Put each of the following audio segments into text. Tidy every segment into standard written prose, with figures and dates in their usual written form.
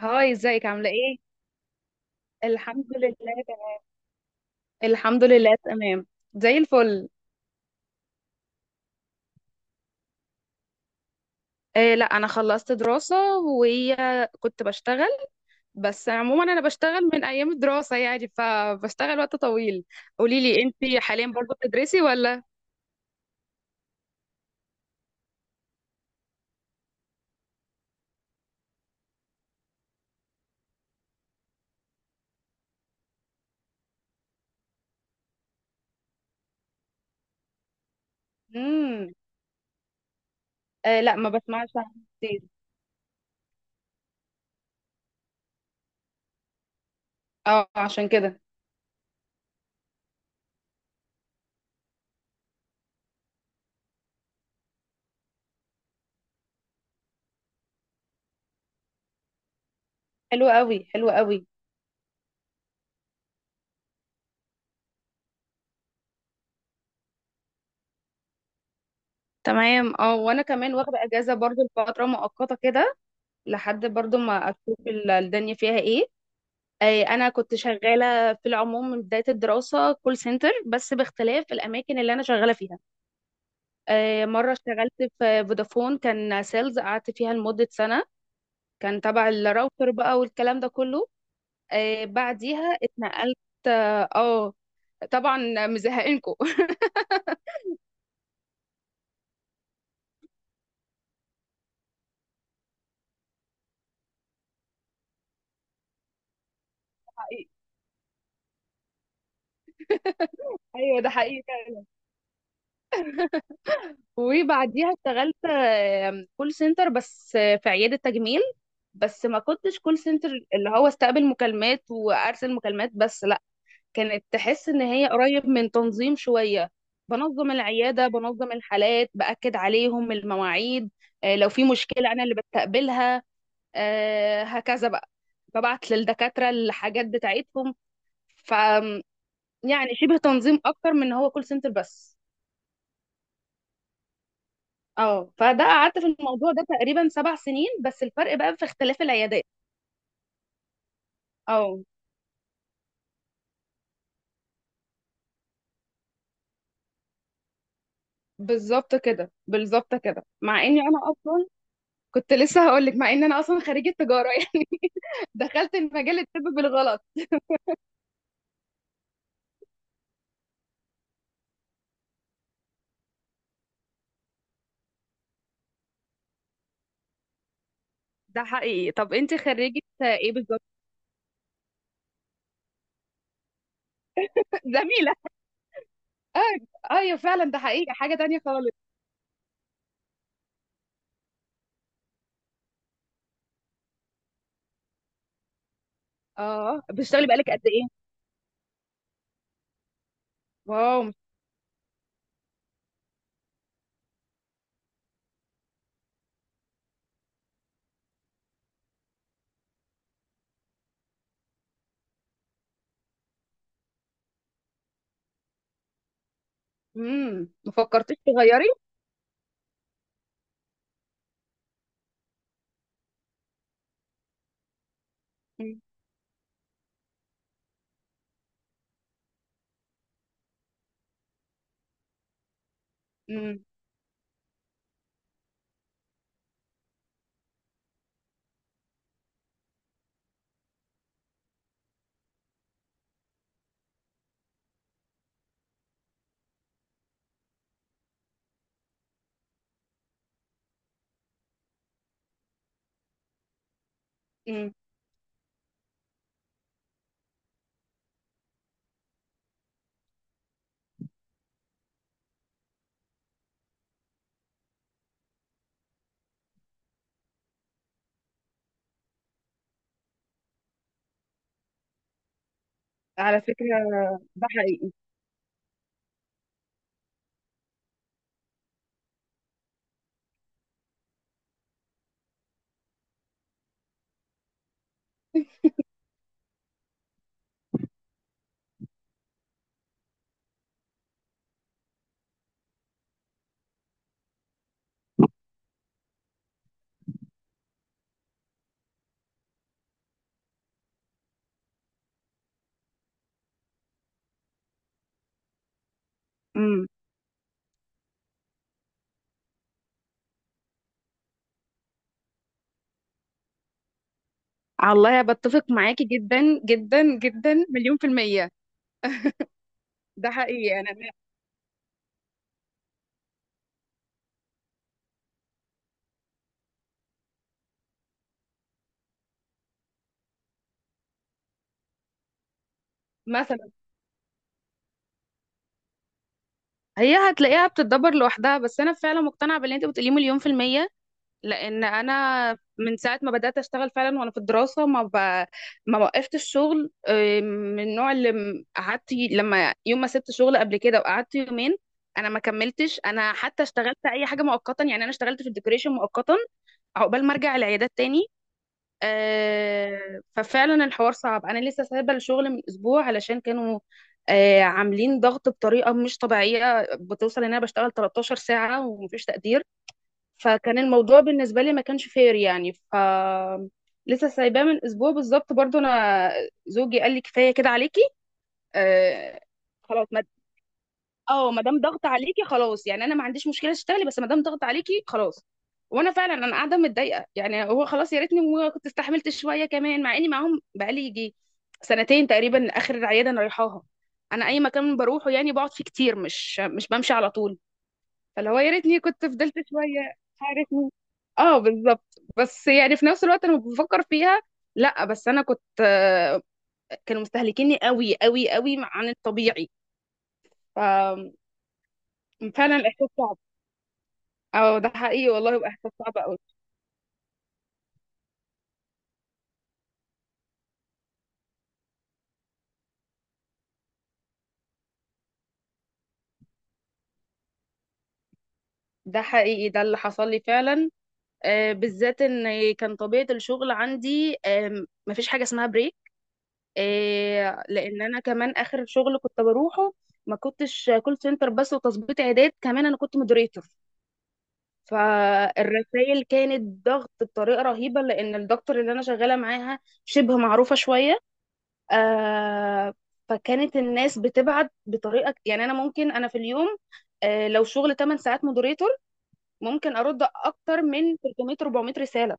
هاي، ازيك؟ عاملة ايه؟ الحمد لله تمام. الحمد لله تمام، زي الفل. إيه لا، انا خلصت دراسة وكنت بشتغل، بس عموما انا بشتغل من ايام الدراسة، يعني فبشتغل وقت طويل. قولي لي، انتي حاليا برضو بتدرسي ولا؟ امم، إيه لا، ما بسمعش عنها كتير. اه، عشان كده. حلو قوي، حلو قوي. تمام، اه وانا كمان واخدة اجازة برضو لفترة مؤقتة كده، لحد برضو ما اشوف الدنيا فيها ايه. انا كنت شغاله في العموم من بدايه الدراسه كول سنتر، بس باختلاف الاماكن اللي انا شغاله فيها. مره اشتغلت في فودافون، كان سيلز، قعدت فيها لمده سنه، كان تبع الراوتر بقى والكلام ده كله. بعديها اتنقلت. اه آه، طبعا مزهقينكم. حقيقي. ايوه، ده حقيقي فعلا. وبعديها اشتغلت كول سنتر، بس في عيادة تجميل. بس ما كنتش كول سنتر اللي هو استقبل مكالمات وارسل مكالمات بس، لا، كانت تحس ان هي قريب من تنظيم شويه. بنظم العياده، بنظم الحالات، باكد عليهم المواعيد. لو في مشكله انا اللي بستقبلها. هكذا بقى، ببعت للدكاتره الحاجات بتاعتهم. ف يعني شبه تنظيم اكتر من إن هو كول سنتر بس. اه، فده قعدت في الموضوع ده تقريبا سبع سنين، بس الفرق بقى في اختلاف العيادات. اه بالظبط كده، بالظبط كده، مع اني انا اصلا كنت لسه هقول لك، مع ان انا اصلا خريجه تجاره. يعني دخلت المجال الطب بالغلط. ده حقيقي. طب انت خريجة ايه بالظبط؟ زميله. اه، ايوه فعلا، ده حقيقي، حاجه تانية خالص. اه، بتشتغلي بقالك قد ايه؟ واو. امم، ما فكرتيش تغيري؟ مم. امم. امم، على فكره، ده حقيقي. امم، الله، بتفق معاكي جدا جدا جدا، مليون في المية. ده حقيقي. مثلا هي هتلاقيها بتتدبر لوحدها، بس انا فعلا مقتنعة باللي انت بتقوليه مليون في المية. لان انا من ساعه ما بدات اشتغل فعلا وانا في الدراسه ما وقفت الشغل. من النوع اللي لما يوم ما سبت شغل قبل كده وقعدت يومين انا ما كملتش، انا حتى اشتغلت اي حاجه مؤقتا، يعني انا اشتغلت في الديكوريشن مؤقتا عقبال ما ارجع العيادات تاني. ففعلا الحوار صعب. انا لسه سايبه الشغل من اسبوع، علشان كانوا عاملين ضغط بطريقه مش طبيعيه، بتوصل ان انا بشتغل 13 ساعه ومفيش تقدير. فكان الموضوع بالنسبة لي ما كانش فير، يعني لسه سايباه من اسبوع بالظبط برضو. انا زوجي قال لي كفاية كده عليكي. آه، خلاص، ما دام ضغط عليكي خلاص، يعني انا ما عنديش مشكلة اشتغلي، بس ما دام ضغط عليكي خلاص. وانا فعلا انا قاعدة متضايقة، يعني هو خلاص، يا ريتني ما كنت استحملت شوية كمان، مع اني معاهم بقالي يجي سنتين تقريبا، اخر عيادة انا رايحاها. انا اي مكان بروحه يعني بقعد فيه كتير، مش بمشي على طول. فاللي هو يا ريتني كنت فضلت شويه، عارف مين. اه بالظبط، بس يعني في نفس الوقت انا بفكر فيها. لا بس انا كنت كانوا مستهلكيني قوي قوي قوي عن الطبيعي. ففعلا الاحساس صعب. اه ده حقيقي والله، يبقى احساس صعب قوي. ده حقيقي، ده اللي حصل لي فعلا. بالذات ان كان طبيعه الشغل عندي، مفيش حاجه اسمها بريك. لان انا كمان اخر شغل كنت بروحه ما كنتش كول سنتر بس وتظبيط عيادات، كمان انا كنت مودريتور. فالرسائل كانت ضغط بطريقة رهيبة، لأن الدكتور اللي أنا شغالة معاها شبه معروفة شوية. آه فكانت الناس بتبعت بطريقة، يعني أنا ممكن أنا في اليوم، لو شغل 8 ساعات مودريتور ممكن أرد أكتر من 300 400 رسالة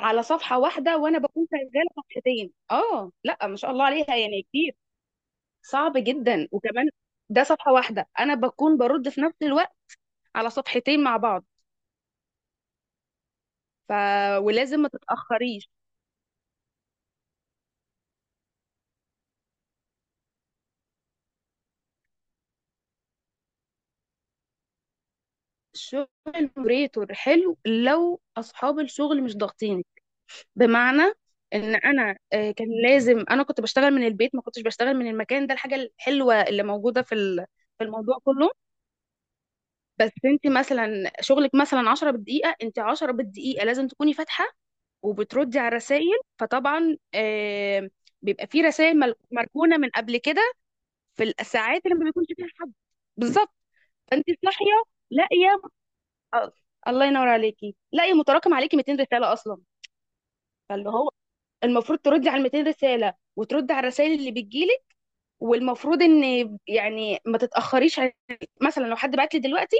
على صفحة واحدة، وأنا بكون شغالة صفحتين. آه، لا ما شاء الله عليها، يعني كتير. صعب جدا، وكمان ده صفحة واحدة أنا بكون برد في نفس الوقت على صفحتين مع بعض. ف... ولازم ما تتأخريش. الشغل موريتور حلو لو اصحاب الشغل مش ضاغطيني. بمعنى ان انا كان لازم انا كنت بشتغل من البيت، ما كنتش بشتغل من المكان ده. الحاجه الحلوه اللي موجوده في الموضوع كله، بس انت مثلا شغلك مثلا 10 بالدقيقه، انت 10 بالدقيقه لازم تكوني فاتحه وبتردي على الرسائل. فطبعا بيبقى في رسائل مركونه من قبل كده، في الساعات اللي ما بيكونش فيها حد. بالظبط، فانت صاحيه لاقيه آه، الله ينور عليكي، لا يا متراكم عليكي 200 رساله اصلا. فاللي هو المفروض تردي على ال 200 رساله وتردي على الرسائل اللي بتجيلك، والمفروض ان يعني ما تتاخريش مثلا لو حد بعت لي دلوقتي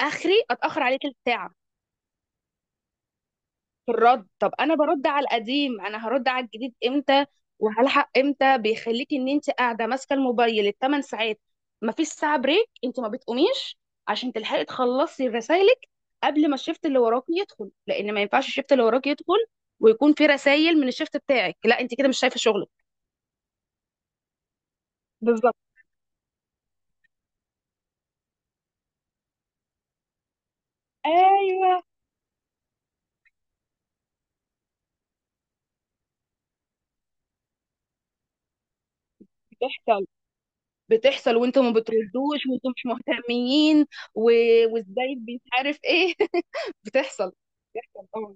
اخري اتاخر عليه تلت ساعه في الرد، طب انا برد على القديم، انا هرد على الجديد امتى؟ وهلحق امتى؟ بيخليكي ان انت قاعده ماسكه الموبايل الثمان ساعات، مفيش ساعه بريك، انت ما بتقوميش عشان تلحقي تخلصي رسايلك قبل ما الشفت اللي وراكي يدخل، لان ما ينفعش الشفت اللي وراكي يدخل ويكون في رسايل من الشفت بتاعك، لا انت كده مش شايفه شغلك. بالظبط. ايوه، بتحصل، بتحصل وانتوا ما بتردوش وانتوا مش مهتمين و... وازاي، مش عارف ايه. بتحصل، بتحصل طبعا.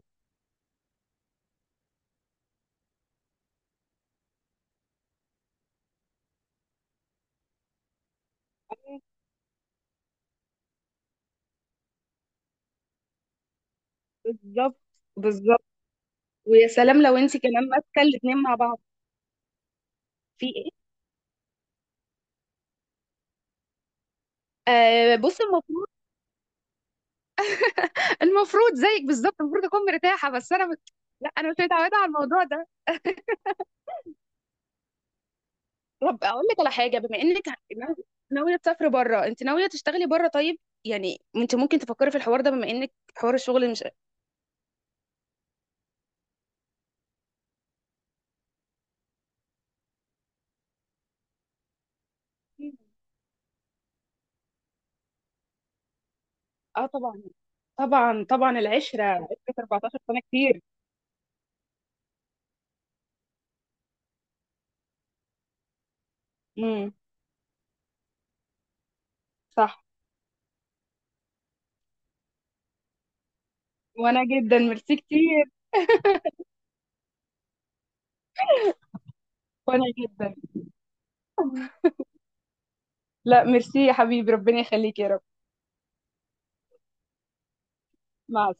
بالظبط، بالظبط. ويا سلام لو انت كمان ماسكه الاتنين مع بعض. في ايه؟ آه بص، المفروض، المفروض زيك بالظبط، المفروض اكون مرتاحه، لا انا مش متعوده على الموضوع ده. طب اقول لك على حاجه، بما ناويه تسافري بره، انت ناويه تشتغلي بره، طيب يعني انت ممكن تفكري في الحوار ده، بما انك حوار الشغل مش. اه طبعا، طبعا طبعا، العشره عشره، 14 سنه كتير. امم. صح. وانا جدا ميرسي كتير. وانا جدا. لا ميرسي يا حبيبي، ربنا يخليك يا رب. مع